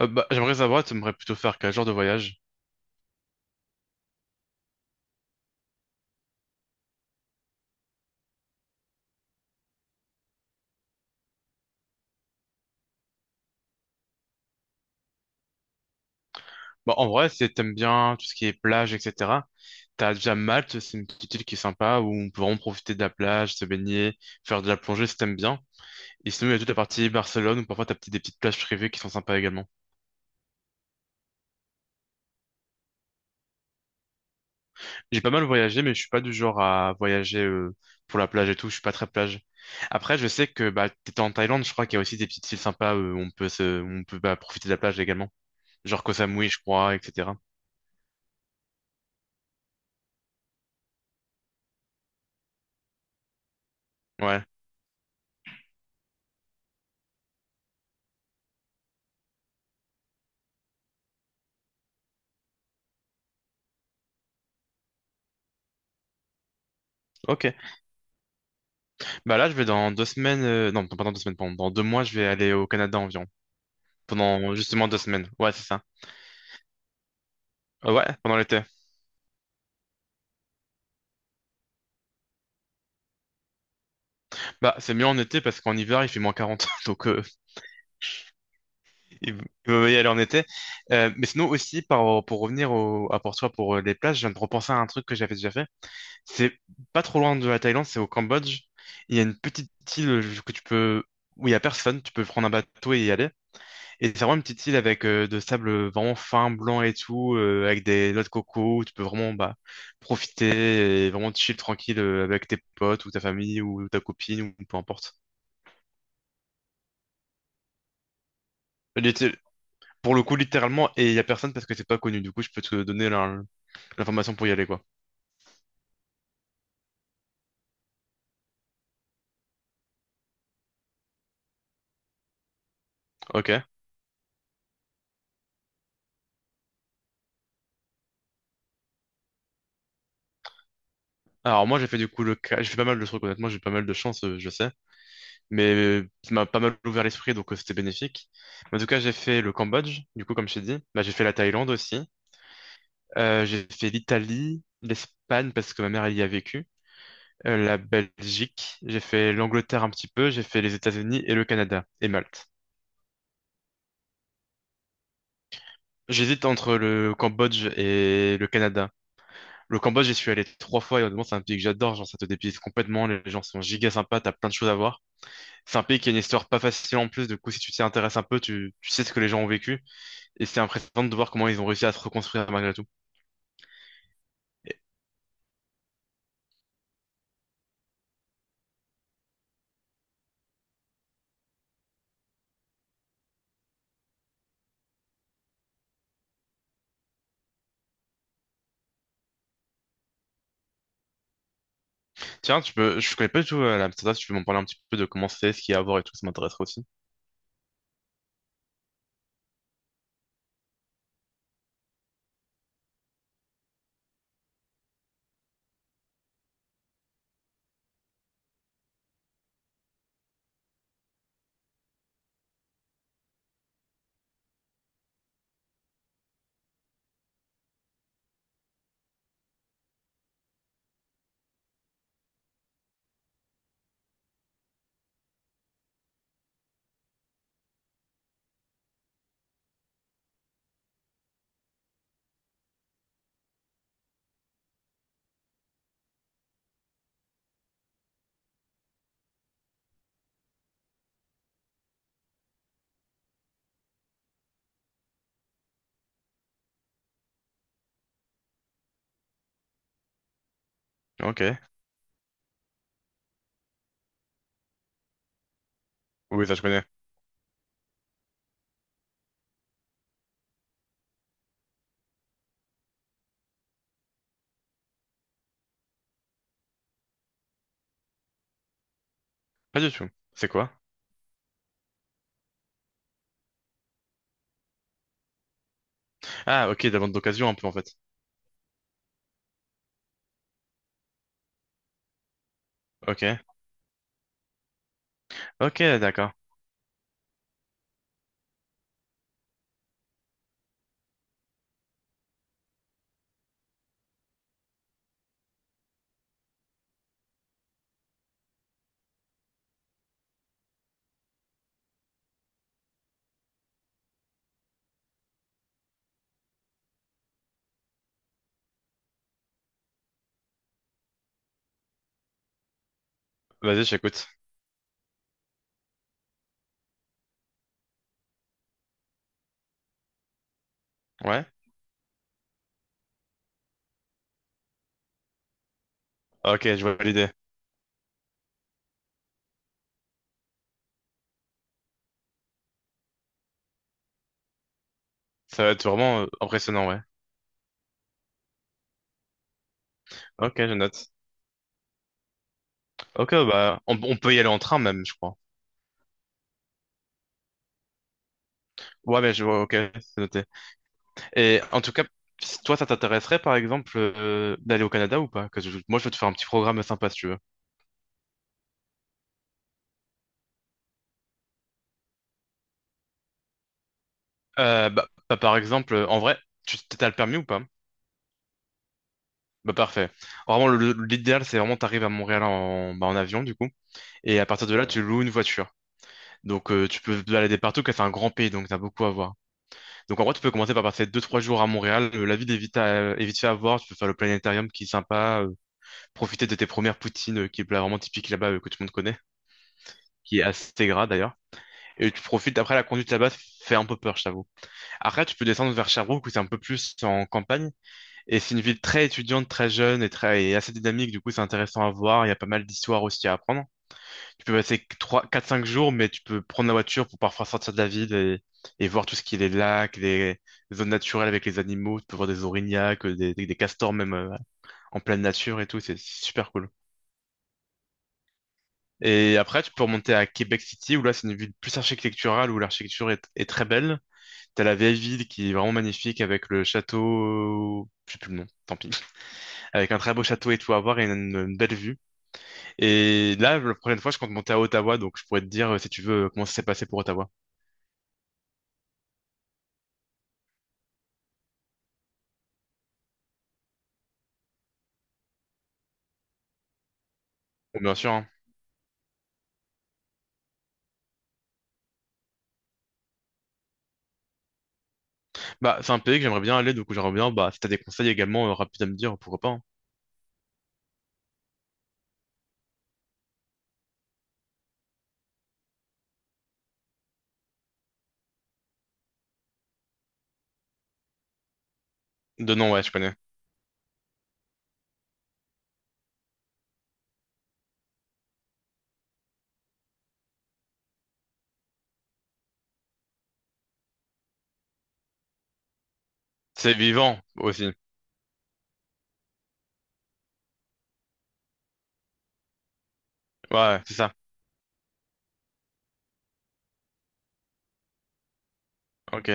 Bah, j'aimerais savoir, tu aimerais plutôt faire quel genre de voyage? Bah, en vrai, si t'aimes bien tout ce qui est plage, etc., t'as déjà Malte, c'est une petite île qui est sympa où on peut vraiment profiter de la plage, se baigner, faire de la plongée si t'aimes bien. Et sinon, il y a toute la partie Barcelone où parfois t'as des petites plages privées qui sont sympas également. J'ai pas mal voyagé, mais je suis pas du genre à voyager pour la plage et tout, je suis pas très plage. Après, je sais que bah, t'étais en Thaïlande, je crois qu'il y a aussi des petites îles sympas où on peut bah, profiter de la plage également. Genre Koh Samui, je crois, etc. Ouais, ok. Bah là, je vais dans 2 semaines, non, pas dans 2 semaines, pardon, dans 2 mois, je vais aller au Canada environ. Pendant justement 2 semaines. Ouais, c'est ça. Ouais, pendant l'été. Bah, c'est mieux en été parce qu'en hiver, il fait -40. Donc, il il vaut mieux y aller en été. Mais sinon, aussi, pour revenir à Porto pour les plages, je viens de repenser à un truc que j'avais déjà fait. C'est pas trop loin de la Thaïlande, c'est au Cambodge. Il y a une petite île où il y a personne. Tu peux prendre un bateau et y aller. Et c'est vraiment une petite île avec de sable vraiment fin, blanc et tout, avec des noix de coco, où tu peux vraiment bah, profiter et vraiment chill tranquille avec tes potes ou ta famille ou ta copine ou peu importe. Litté- Pour le coup, littéralement, et il y a personne parce que c'est pas connu. Du coup, je peux te donner l'information pour y aller, quoi. Ok. Alors moi, j'ai fait du coup j'ai fait pas mal de trucs. Honnêtement, j'ai eu pas mal de chance, je sais, mais ça m'a pas mal ouvert l'esprit, donc c'était bénéfique. En tout cas, j'ai fait le Cambodge. Du coup, comme je t'ai dit, bah, j'ai fait la Thaïlande aussi. J'ai fait l'Italie, l'Espagne parce que ma mère elle y a vécu, la Belgique, j'ai fait l'Angleterre un petit peu, j'ai fait les États-Unis et le Canada et Malte. J'hésite entre le Cambodge et le Canada. Le Cambodge, j'y suis allé 3 fois et honnêtement, c'est un pays que j'adore. Genre, ça te dépayse complètement. Les gens sont giga sympas, t'as plein de choses à voir. C'est un pays qui a une histoire pas facile en plus. Du coup, si tu t'y intéresses un peu, tu sais ce que les gens ont vécu. Et c'est impressionnant de voir comment ils ont réussi à se reconstruire malgré tout. Et- Tiens, je connais pas du tout l'Amsterdam, si tu peux m'en parler un petit peu de comment c'est, ce qu'il y a à voir et tout, ça m'intéresserait aussi. Ok. Oui, ça je connais. Pas du tout. C'est quoi? Ah, ok, de la vente d'occasion un peu en fait. Ok. Ok, d'accord. Vas-y, j'écoute. Ouais. Ok, je vois l'idée. Ça va être vraiment impressionnant, ouais. Ok, je note. Ok, bah, on peut y aller en train même, je crois. Ouais, mais je vois, ok, c'est noté. Et en tout cas, si toi, ça t'intéresserait, par exemple, d'aller au Canada ou pas? Parce que moi, je veux te faire un petit programme sympa, si tu veux. Bah, bah, par exemple, en vrai, tu t'as le permis ou pas? Bah, parfait. Vraiment, l'idéal, c'est vraiment t'arrives à Montréal en avion, du coup. Et à partir de là, ouais, tu, ouais, loues une voiture. Donc, tu peux te balader partout, car c'est un grand pays, donc t'as beaucoup à voir. Donc, en vrai, tu peux commencer par passer 2, 3 jours à Montréal. La ville est vite fait à voir. Tu peux faire le planétarium qui est sympa, profiter de tes premières poutines, qui est là, vraiment typique là-bas, que tout le monde connaît, qui est assez gras, d'ailleurs. Après, la conduite là-bas fait un peu peur, je t'avoue. Après, tu peux descendre vers Sherbrooke, où c'est un peu plus en campagne. Et c'est une ville très étudiante, très jeune et et assez dynamique. Du coup, c'est intéressant à voir. Il y a pas mal d'histoires aussi à apprendre. Tu peux passer 3, 4, 5 jours, mais tu peux prendre la voiture pour parfois sortir de la ville et voir tout ce qui est les lacs, les zones naturelles avec les animaux. Tu peux voir des orignacs, des castors même en pleine nature et tout. C'est super cool. Et après, tu peux remonter à Québec City, où là, c'est une ville plus architecturale, où l'architecture est très belle. T'as la vieille ville qui est vraiment magnifique avec le château, je sais plus le nom, tant pis, avec un très beau château et tout à voir et une belle vue. Et là, la prochaine fois, je compte monter à Ottawa, donc je pourrais te dire, si tu veux, comment ça s'est passé pour Ottawa. Bon, bien sûr, hein. Bah, c'est un pays que j'aimerais bien aller, donc j'aimerais bien, bah, si t'as des conseils également rapides à me dire, pourquoi pas, hein. De nom, ouais, je connais. C'est vivant aussi. Ouais, c'est ça. Ok.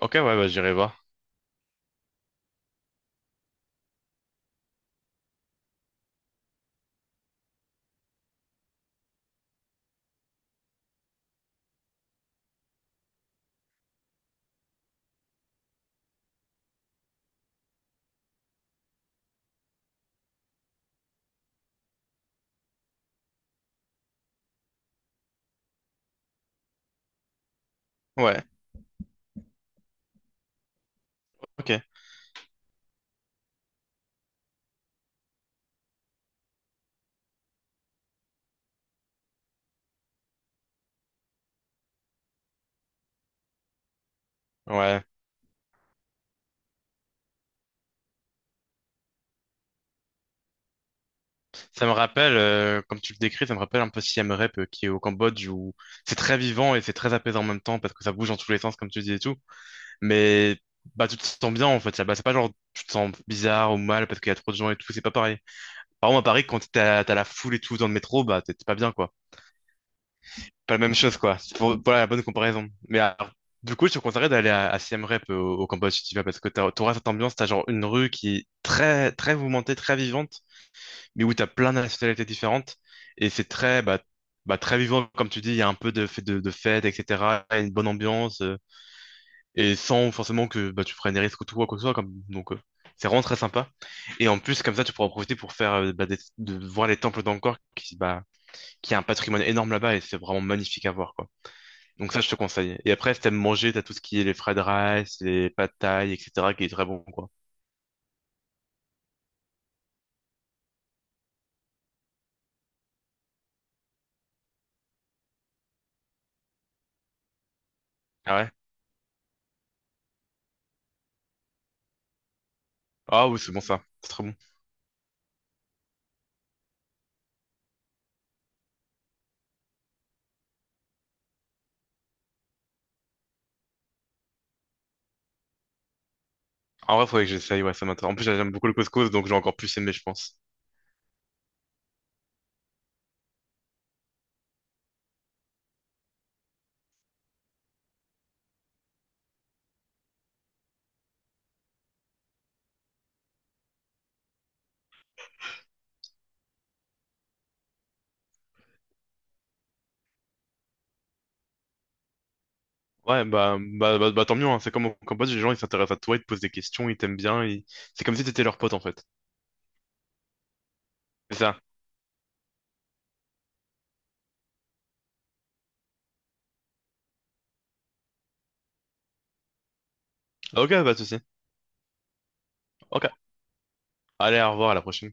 Ok, ouais, bah, j'irai voir. Ouais, ok. Ouais. Ça me rappelle, comme tu le décris, ça me rappelle un peu Siem Reap qui est au Cambodge où c'est très vivant et c'est très apaisant en même temps parce que ça bouge dans tous les sens, comme tu dis et tout. Mais bah, tu te sens bien en fait, là-bas. C'est pas genre tu te sens bizarre ou mal parce qu'il y a trop de gens et tout, c'est pas pareil. Par contre, à Paris, quand t'as la foule et tout dans le métro, bah t'es pas bien quoi. Pas la même chose quoi. Voilà la bonne comparaison. Mais alors, du coup, je te conseillerais d'aller à Siem Reap au Cambodge si tu vas parce que t'auras cette ambiance, t'as genre une rue qui est très, très mouvementée, très vivante. Mais où tu as plein de nationalités différentes. Et c'est très vivant, comme tu dis, il y a un peu de fête, etc. et cetera. Il y a une bonne ambiance, et sans forcément que bah, tu prennes des risques ou tout, quoi que ce soit. Donc, c'est vraiment très sympa. Et en plus, comme ça, tu pourras en profiter pour de voir les temples d'Angkor, qui a un patrimoine énorme là-bas, et c'est vraiment magnifique à voir, quoi. Donc ça, je te conseille. Et après, si t'aimes manger, t'as tout ce qui est les fried rice, les pad thai, etc., qui est très bon, quoi. Ah ouais? Ah oui, c'est bon ça. C'est très bon. En vrai, faudrait que j'essaye, ouais, ça m'intéresse. En plus, j'aime beaucoup le couscous, donc j'ai encore plus aimé, je pense. Ouais, bah, bah, bah, bah, tant mieux, hein. C'est comme au Cambodge, les gens, ils s'intéressent à toi, ils te posent des questions, ils t'aiment bien, c'est comme si t'étais leur pote, en fait. C'est ça. Ok, pas de souci. Ok. Allez, au revoir, à la prochaine.